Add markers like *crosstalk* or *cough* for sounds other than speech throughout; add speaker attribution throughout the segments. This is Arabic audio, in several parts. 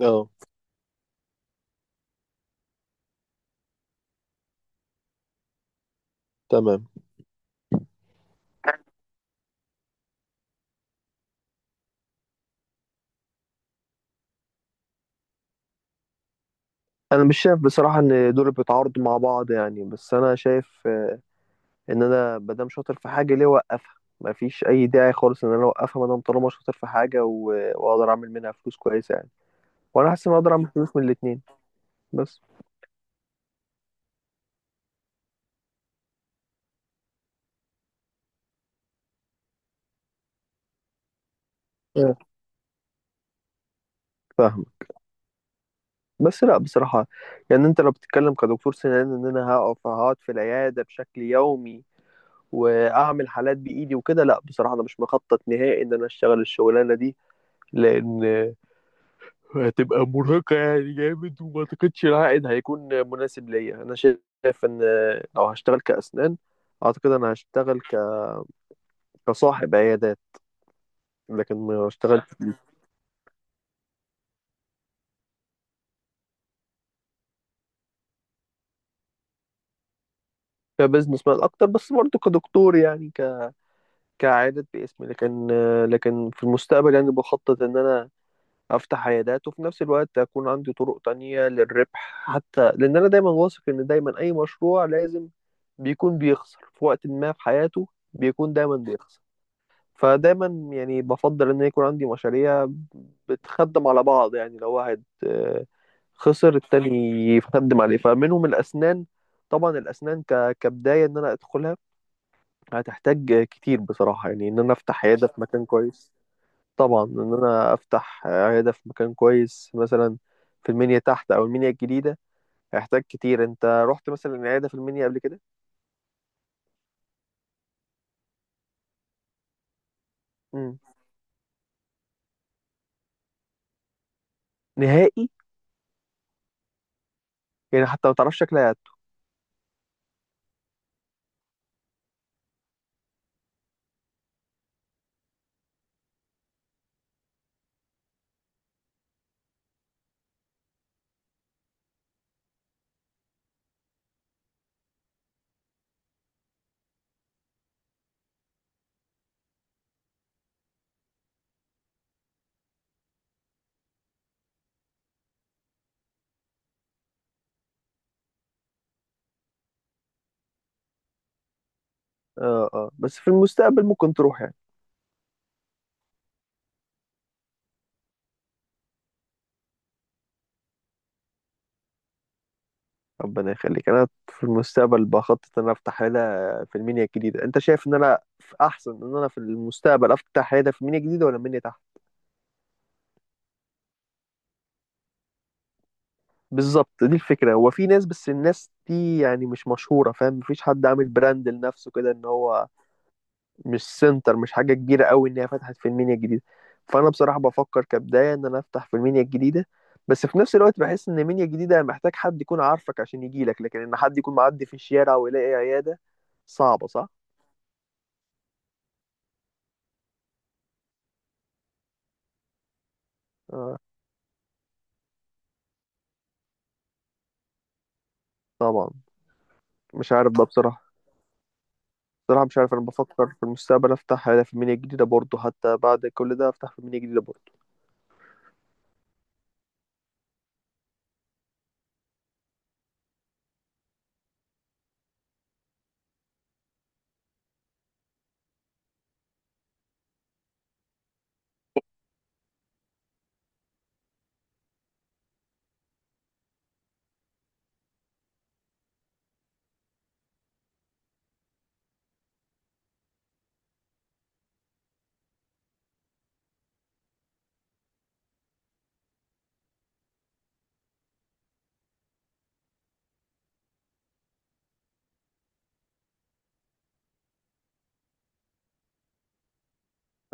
Speaker 1: اه. تمام. انا مش شايف بصراحه ان دول بيتعارضوا مع بعض، يعني بس انا شايف، ان انا مادام شاطر في حاجه ليه اوقفها؟ مفيش اي داعي خالص ان انا اوقفها مادام طالما شاطر في حاجه واقدر اعمل منها فلوس كويسه يعني. وانا حاسس ان أنا اقدر اعمل فلوس من الاتنين بس. اه، فاهم. بس لا بصراحه، يعني انت لو بتتكلم كدكتور سنان ان انا هقعد في العياده بشكل يومي واعمل حالات بايدي وكده، لا بصراحه انا مش مخطط نهائي ان انا اشتغل الشغلانه دي، لان هتبقى مرهقة يعني جامد، وما أعتقدش العائد هيكون مناسب ليا. أنا شايف إن لو هشتغل كأسنان أعتقد أنا هشتغل كصاحب عيادات، لكن ما اشتغلت كبزنس مان أكتر، بس برضه كدكتور يعني كعيادات باسمي. لكن في المستقبل يعني بخطط إن أنا أفتح عيادات، وفي نفس الوقت أكون عندي طرق تانية للربح، حتى لأن أنا دايما واثق إن دايما أي مشروع لازم بيكون بيخسر في وقت ما في حياته، بيكون دايما بيخسر. فدايما يعني بفضل ان يكون عندي مشاريع بتخدم على بعض، يعني لو واحد خسر، التاني يخدم عليه. فمنهم الاسنان، طبعا الاسنان كبدايه ان انا ادخلها هتحتاج كتير بصراحه، يعني ان انا افتح عياده في مكان كويس. طبعا ان انا افتح عياده في مكان كويس مثلا في المنيا تحت او المنيا الجديده هيحتاج كتير. انت رحت مثلا عياده في المنيا قبل كده؟ مم. نهائي؟ يعني حتى ما تعرفش شكلها. اه، اه، بس في المستقبل ممكن تروح يعني. ربنا يخليك. انا في المستقبل بخطط ان انا افتح عياده في المنيا الجديده. انت شايف ان انا في احسن، ان انا في المستقبل افتح عياده في المنيا الجديده ولا المنيا تحت؟ بالظبط، دي الفكره. هو في ناس، بس الناس دي يعني مش مشهوره، فاهم؟ مفيش حد عامل براند لنفسه كده، ان هو مش سنتر، مش حاجه كبيره قوي ان هي فتحت في المنيا الجديده. فانا بصراحه بفكر كبدايه ان انا افتح في المنيا الجديده، بس في نفس الوقت بحس ان المنيا الجديده محتاج حد يكون عارفك عشان يجيلك، لكن ان حد يكون معدي في الشارع ويلاقي عياده صعبه، صح؟ آه، طبعا. مش عارف بقى بصراحة. بصراحة مش عارف، أنا بفكر في المستقبل أفتح في مينيا جديدة برضه، حتى بعد كل ده أفتح في مينيا جديدة برضه.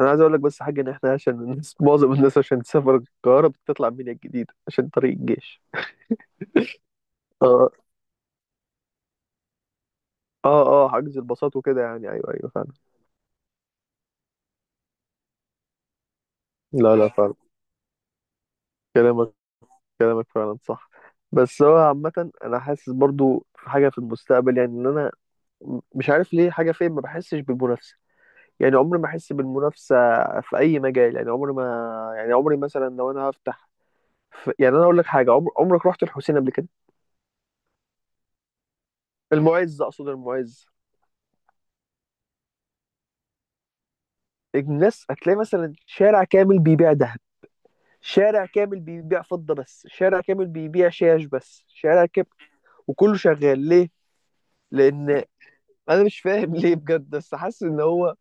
Speaker 1: أنا عايز أقول لك بس حاجة، إن إحنا عشان الناس *laughs* معظم الناس عشان تسافر القاهرة بتطلع مينيا الجديدة عشان طريق الجيش. آه، آه، آه، حجز الباصات وكده يعني، أيوه، أيوه، فعلا. لا، لا، فعلا. كلامك كلامك فعلا صح. بس هو عامة أنا حاسس برضه في حاجة في المستقبل، يعني إن أنا مش عارف ليه، حاجة فين ما بحسش بالمنافسة. يعني عمري ما أحس بالمنافسة في أي مجال، يعني عمري ما، يعني عمري مثلا لو أنا هفتح، يعني انا اقول لك حاجه، عمرك رحت الحسين قبل كده؟ المعز، اقصد المعز. الناس هتلاقي مثلا شارع كامل بيبيع ذهب، شارع كامل بيبيع فضه بس، شارع كامل بيبيع شاش بس، شارع كامل. وكله شغال ليه؟ لان انا مش فاهم *laughs* ليه بجد، بس حاسس ان هو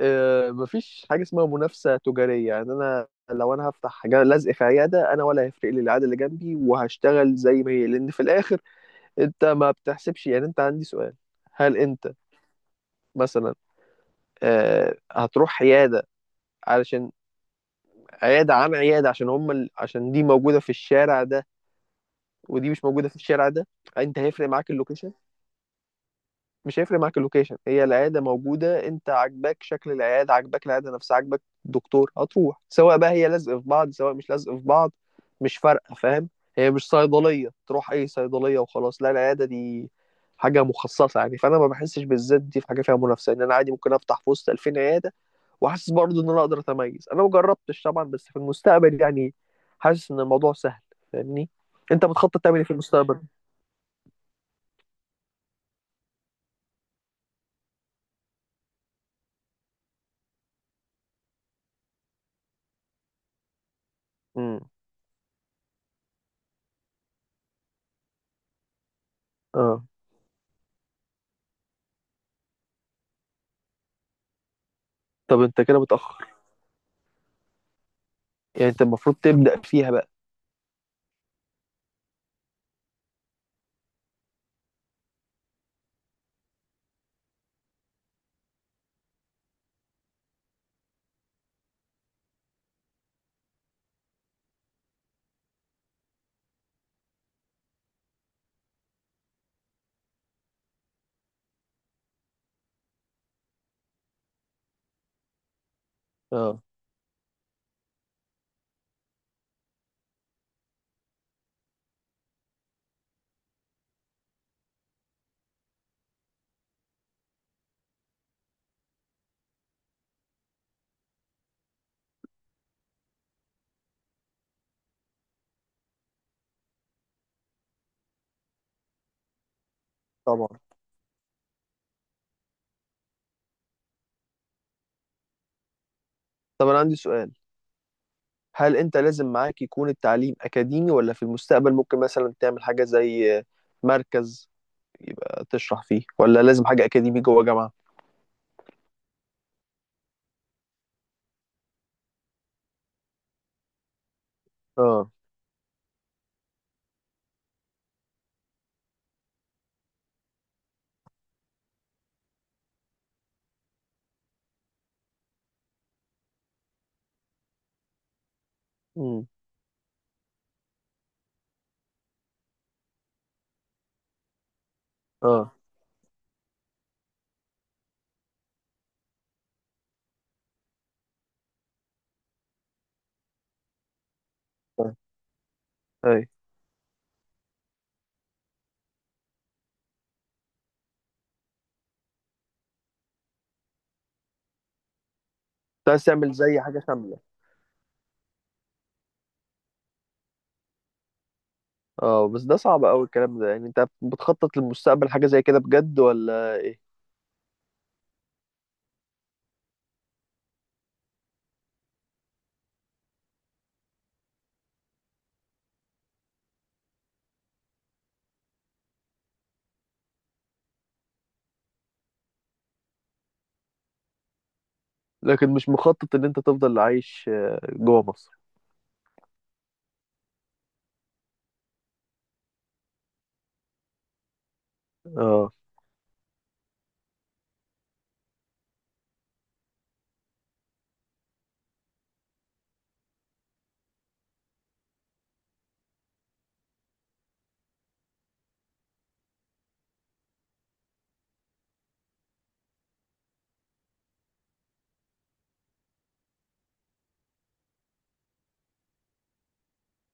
Speaker 1: مفيش حاجه اسمها منافسه تجاريه يعني. انا لو انا هفتح لزق في عياده، انا ولا هيفرق لي العياده اللي جنبي، وهشتغل زي ما هي، لان في الاخر انت ما بتحسبش. يعني انت، عندي سؤال، هل انت مثلا هتروح عيادة علشان عيادة عن عيادة عشان هم عشان دي موجودة في الشارع ده ودي مش موجودة في الشارع ده؟ انت هيفرق معاك اللوكيشن؟ مش هيفرق معاك اللوكيشن. هي العيادة موجودة، انت عاجباك شكل العيادة، عاجباك العيادة نفسها، عاجباك الدكتور، هتروح، سواء بقى هي لازقة في بعض سواء مش لازقة في بعض، مش فارقة، فاهم؟ هي مش صيدلية تروح أي صيدلية وخلاص. لا، العيادة دي حاجة مخصصة يعني، فأنا ما بحسش بالذات دي في حاجة فيها منافسة، إن أنا عادي ممكن أفتح في وسط 2000 عيادة، وحاسس برضه ان انا اقدر اتميز. انا ما جربتش طبعا، بس في المستقبل يعني حاسس ان الموضوع سهل، فاهمني؟ انت بتخطط تعمل ايه في المستقبل؟ امم. اه، طب انت كده متأخر، يعني انت المفروض تبدأ فيها بقى. اه، طبعا. طب انا عندي سؤال، هل انت لازم معاك يكون التعليم اكاديمي، ولا في المستقبل ممكن مثلا تعمل حاجة زي مركز يبقى تشرح فيه، ولا لازم حاجة اكاديمي جوه جامعة؟ اه. امم. اه. آه. اي. أنت عايز تعمل زي حاجة شاملة؟ اه، بس ده صعب قوي الكلام ده، يعني انت بتخطط للمستقبل حاجة زي كده بجد ولا ايه؟ لكن مش مخطط ان انت تفضل عايش جوه مصر؟ اه،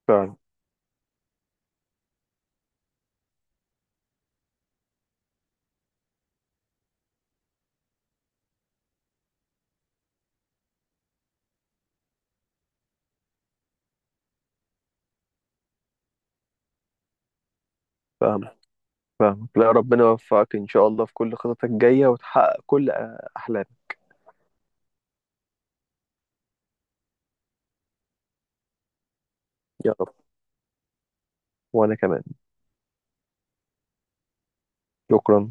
Speaker 1: فعلا. فاهم، فاهم. لا، ربنا يوفقك ان شاء الله في كل خططك الجاية، وتحقق كل احلامك. يا رب. وانا كمان. شكرا.